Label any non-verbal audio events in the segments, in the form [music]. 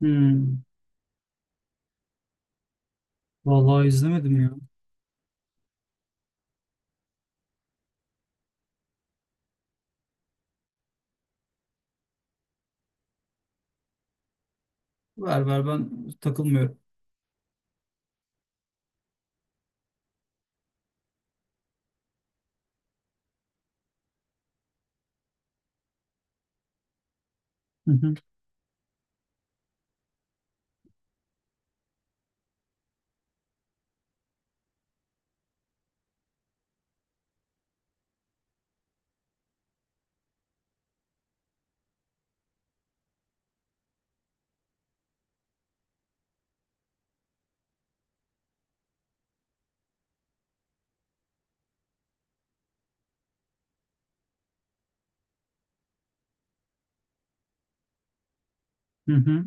Hmm, vallahi izlemedim ya. Ver ver ben takılmıyorum. Hı hı, hı hı.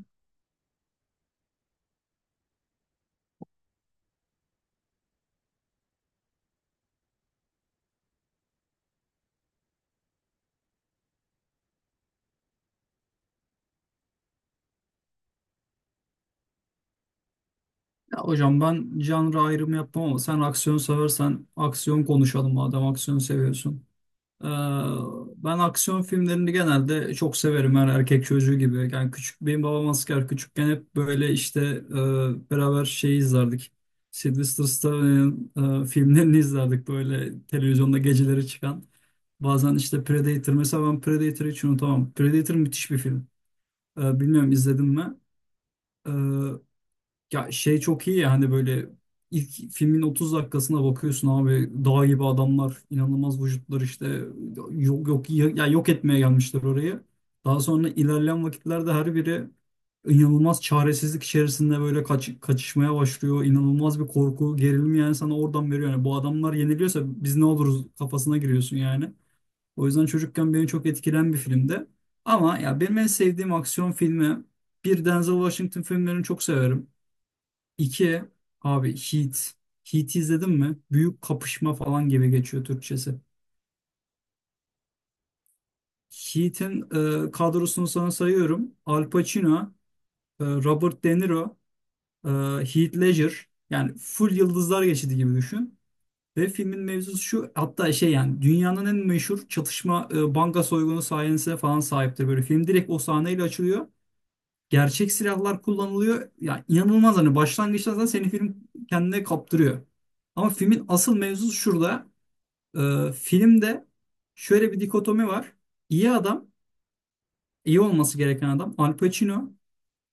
Ya hocam ben janra ayrımı yapmam ama sen aksiyon seversen aksiyon konuşalım madem aksiyon seviyorsun. Ee, Ben aksiyon filmlerini genelde çok severim her erkek çocuğu gibi. Yani küçük benim babam asker küçükken hep böyle işte beraber şeyi izlerdik. Sylvester Stallone'nin filmlerini izlerdik böyle televizyonda geceleri çıkan. Bazen işte Predator mesela ben Predator'ı hiç unutamam. Predator müthiş bir film. Bilmiyorum izledim mi? Ee, Ya şey çok iyi ya hani böyle ilk filmin 30 dakikasına bakıyorsun abi dağ gibi adamlar inanılmaz vücutlar işte yok yok ya yok etmeye gelmişler orayı. Daha sonra ilerleyen vakitlerde her biri inanılmaz çaresizlik içerisinde böyle kaç, kaçışmaya başlıyor. İnanılmaz bir korku, gerilim yani sana oradan veriyor. Yani bu adamlar yeniliyorsa biz ne oluruz kafasına giriyorsun yani. O yüzden çocukken beni çok etkilen bir filmdi. Ama ya benim en sevdiğim aksiyon filmi bir Denzel Washington filmlerini çok severim. İki abi Heat. Heat'i izledin mi? Büyük kapışma falan gibi geçiyor Türkçesi. Heat'in kadrosunu sana sayıyorum. Al Pacino, Robert De Niro, e, Heath Ledger. Yani full yıldızlar geçidi gibi düşün. Ve filmin mevzusu şu hatta şey yani dünyanın en meşhur çatışma banka soygunu sahnesine falan sahiptir. Böyle film direkt o sahneyle açılıyor. Gerçek silahlar kullanılıyor. Ya inanılmaz hani başlangıçta zaten seni film kendine kaptırıyor. Ama filmin asıl mevzusu şurada. Filmde şöyle bir dikotomi var. İyi adam, iyi olması gereken adam Al Pacino,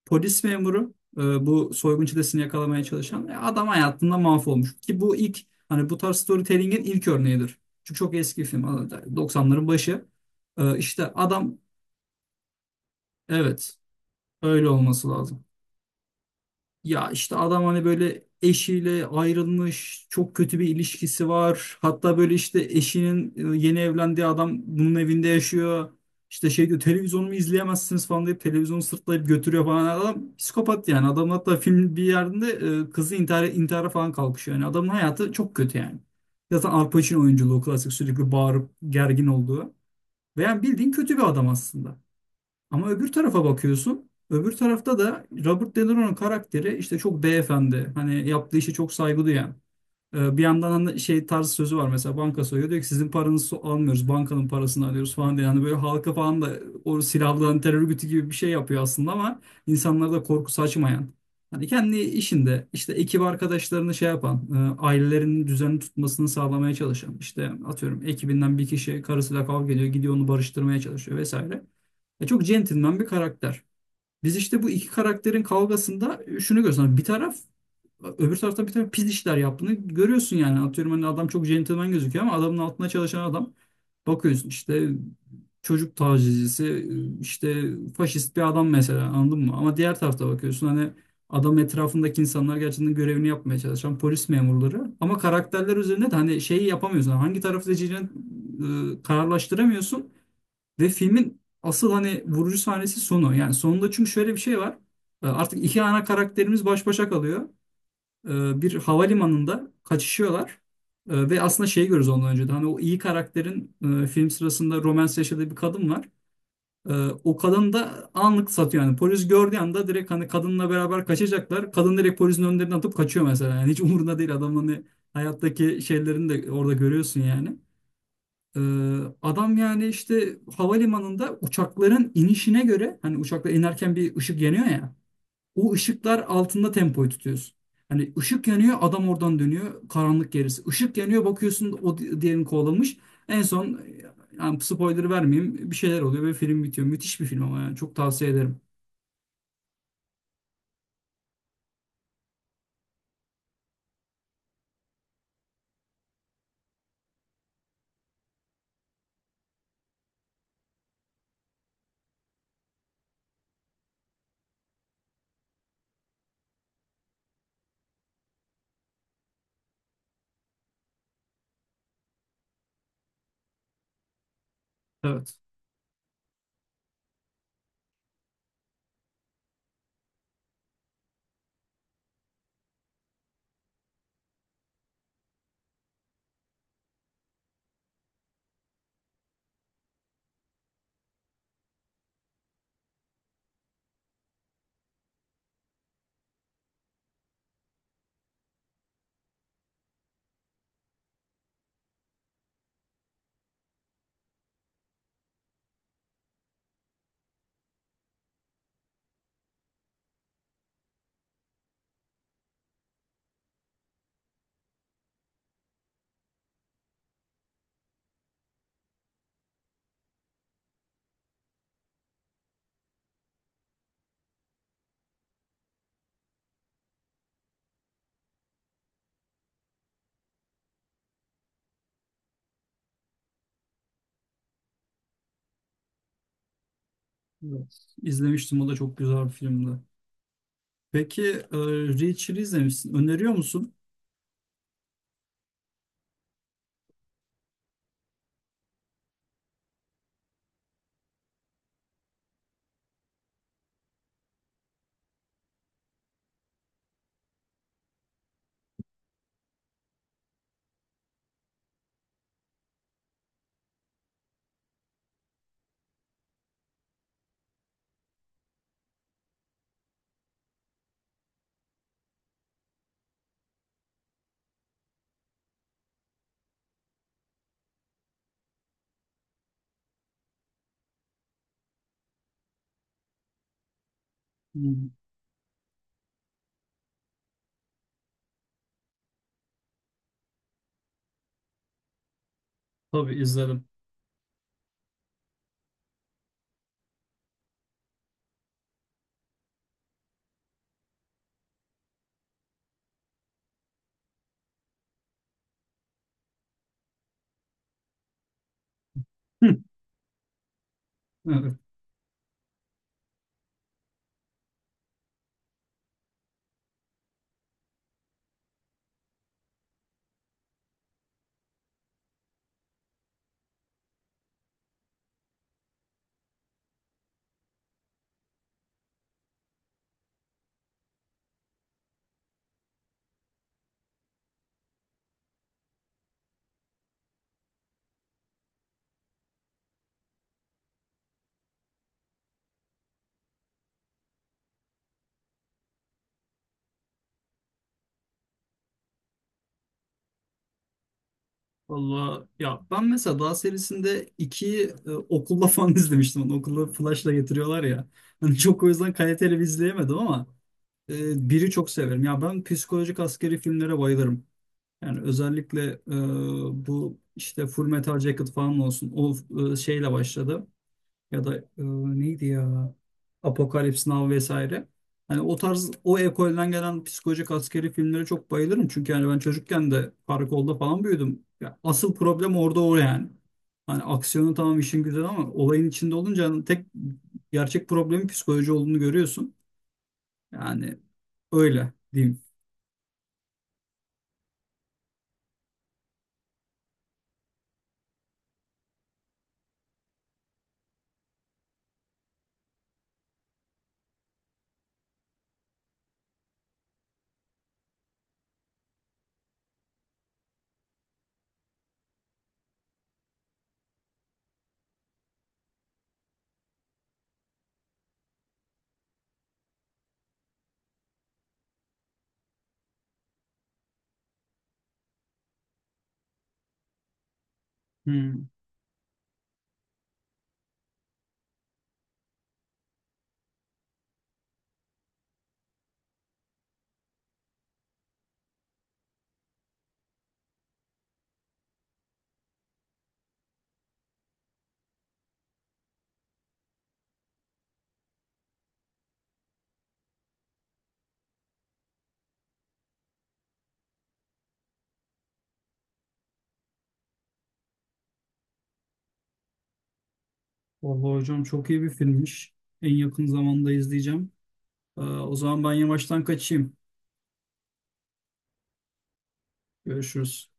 polis memuru, bu soygun çetesini yakalamaya çalışan adam hayatında mahvolmuş. Ki bu ilk hani bu tarz storytelling'in ilk örneğidir. Çünkü çok eski film, hani doksanların başı. İşte adam evet öyle olması lazım. Ya işte adam hani böyle eşiyle ayrılmış, çok kötü bir ilişkisi var. Hatta böyle işte eşinin yeni evlendiği adam bunun evinde yaşıyor. İşte şey diyor televizyonumu izleyemezsiniz falan deyip televizyonu sırtlayıp götürüyor falan. Hani adam psikopat yani. Adam hatta film bir yerinde kızı intihar, intihara falan kalkışıyor. Yani adamın hayatı çok kötü yani. Zaten Al Pacino oyunculuğu klasik sürekli bağırıp gergin olduğu. Ve yani bildiğin kötü bir adam aslında. Ama öbür tarafa bakıyorsun. Öbür tarafta da Robert De Niro'nun karakteri işte çok beyefendi. Hani yaptığı işe çok saygı duyan. Bir yandan hani şey tarz sözü var mesela banka soyuyor diyor ki sizin paranızı almıyoruz bankanın parasını alıyoruz falan diye. Yani böyle halka falan da o silahlı hani terör örgütü gibi bir şey yapıyor aslında ama insanlara da korku saçmayan. Hani kendi işinde işte ekip arkadaşlarını şey yapan, ailelerinin düzenli tutmasını sağlamaya çalışan işte atıyorum ekibinden bir kişi karısıyla kavga ediyor gidiyor onu barıştırmaya çalışıyor vesaire. Çok centilmen bir karakter. Biz işte bu iki karakterin kavgasında şunu görüyoruz. Hani bir taraf öbür taraftan bir tane pis işler yaptığını görüyorsun yani. Atıyorum hani adam çok centilmen gözüküyor ama adamın altına çalışan adam bakıyorsun işte çocuk tacizcisi işte faşist bir adam mesela anladın mı? Ama diğer tarafta bakıyorsun hani adam etrafındaki insanlar gerçekten görevini yapmaya çalışan polis memurları ama karakterler üzerinde de hani şeyi yapamıyorsun. Hani hangi tarafı seçeceğini kararlaştıramıyorsun ve filmin asıl hani vurucu sahnesi sonu. Yani sonunda çünkü şöyle bir şey var. Artık iki ana karakterimiz baş başa kalıyor bir havalimanında kaçışıyorlar. Ve aslında şeyi görürüz ondan önce de hani o iyi karakterin film sırasında romans yaşadığı bir kadın var. E, O kadın da anlık satıyor yani polis gördüğü anda direkt hani kadınla beraber kaçacaklar. Kadın direkt polisin önlerine atıp kaçıyor mesela. Yani hiç umurunda değil adamın hani hayattaki şeylerini de orada görüyorsun yani. E, Adam yani işte havalimanında uçakların inişine göre hani uçaklar inerken bir ışık yanıyor ya. O ışıklar altında tempoyu tutuyorsun. Hani ışık yanıyor adam oradan dönüyor karanlık gerisi. Işık yanıyor bakıyorsun o diğerini kovalamış. En son yani spoiler vermeyeyim bir şeyler oluyor ve film bitiyor. Müthiş bir film ama yani çok tavsiye ederim. Evet. Evet. İzlemiştim o da çok güzel bir filmdi. Peki e, Reacher'ı izlemişsin. Öneriyor musun? Hmm, tabii izlerim. Hı. Evet. Valla ya ben mesela Dağ serisinde 2'yi okulda falan [laughs] izlemiştim. Onu okulda flashla getiriyorlar ya. Hani çok o yüzden kaliteli bir izleyemedim ama biri çok severim. Ya ben psikolojik askeri filmlere bayılırım. Yani özellikle bu işte Full Metal Jacket falan olsun. O şeyle başladı ya da neydi ya Apokalips Now vesaire. Hani o tarz o ekolden gelen psikolojik askeri filmlere çok bayılırım. Çünkü yani ben çocukken de karakolda falan büyüdüm. Ya asıl problem orada o yani. Hani aksiyonu tamam işin güzel ama olayın içinde olunca hani tek gerçek problemin psikoloji olduğunu görüyorsun. Yani öyle diyeyim. Hmm. Vallahi hocam çok iyi bir filmmiş. En yakın zamanda izleyeceğim. O zaman ben yavaştan kaçayım. Görüşürüz.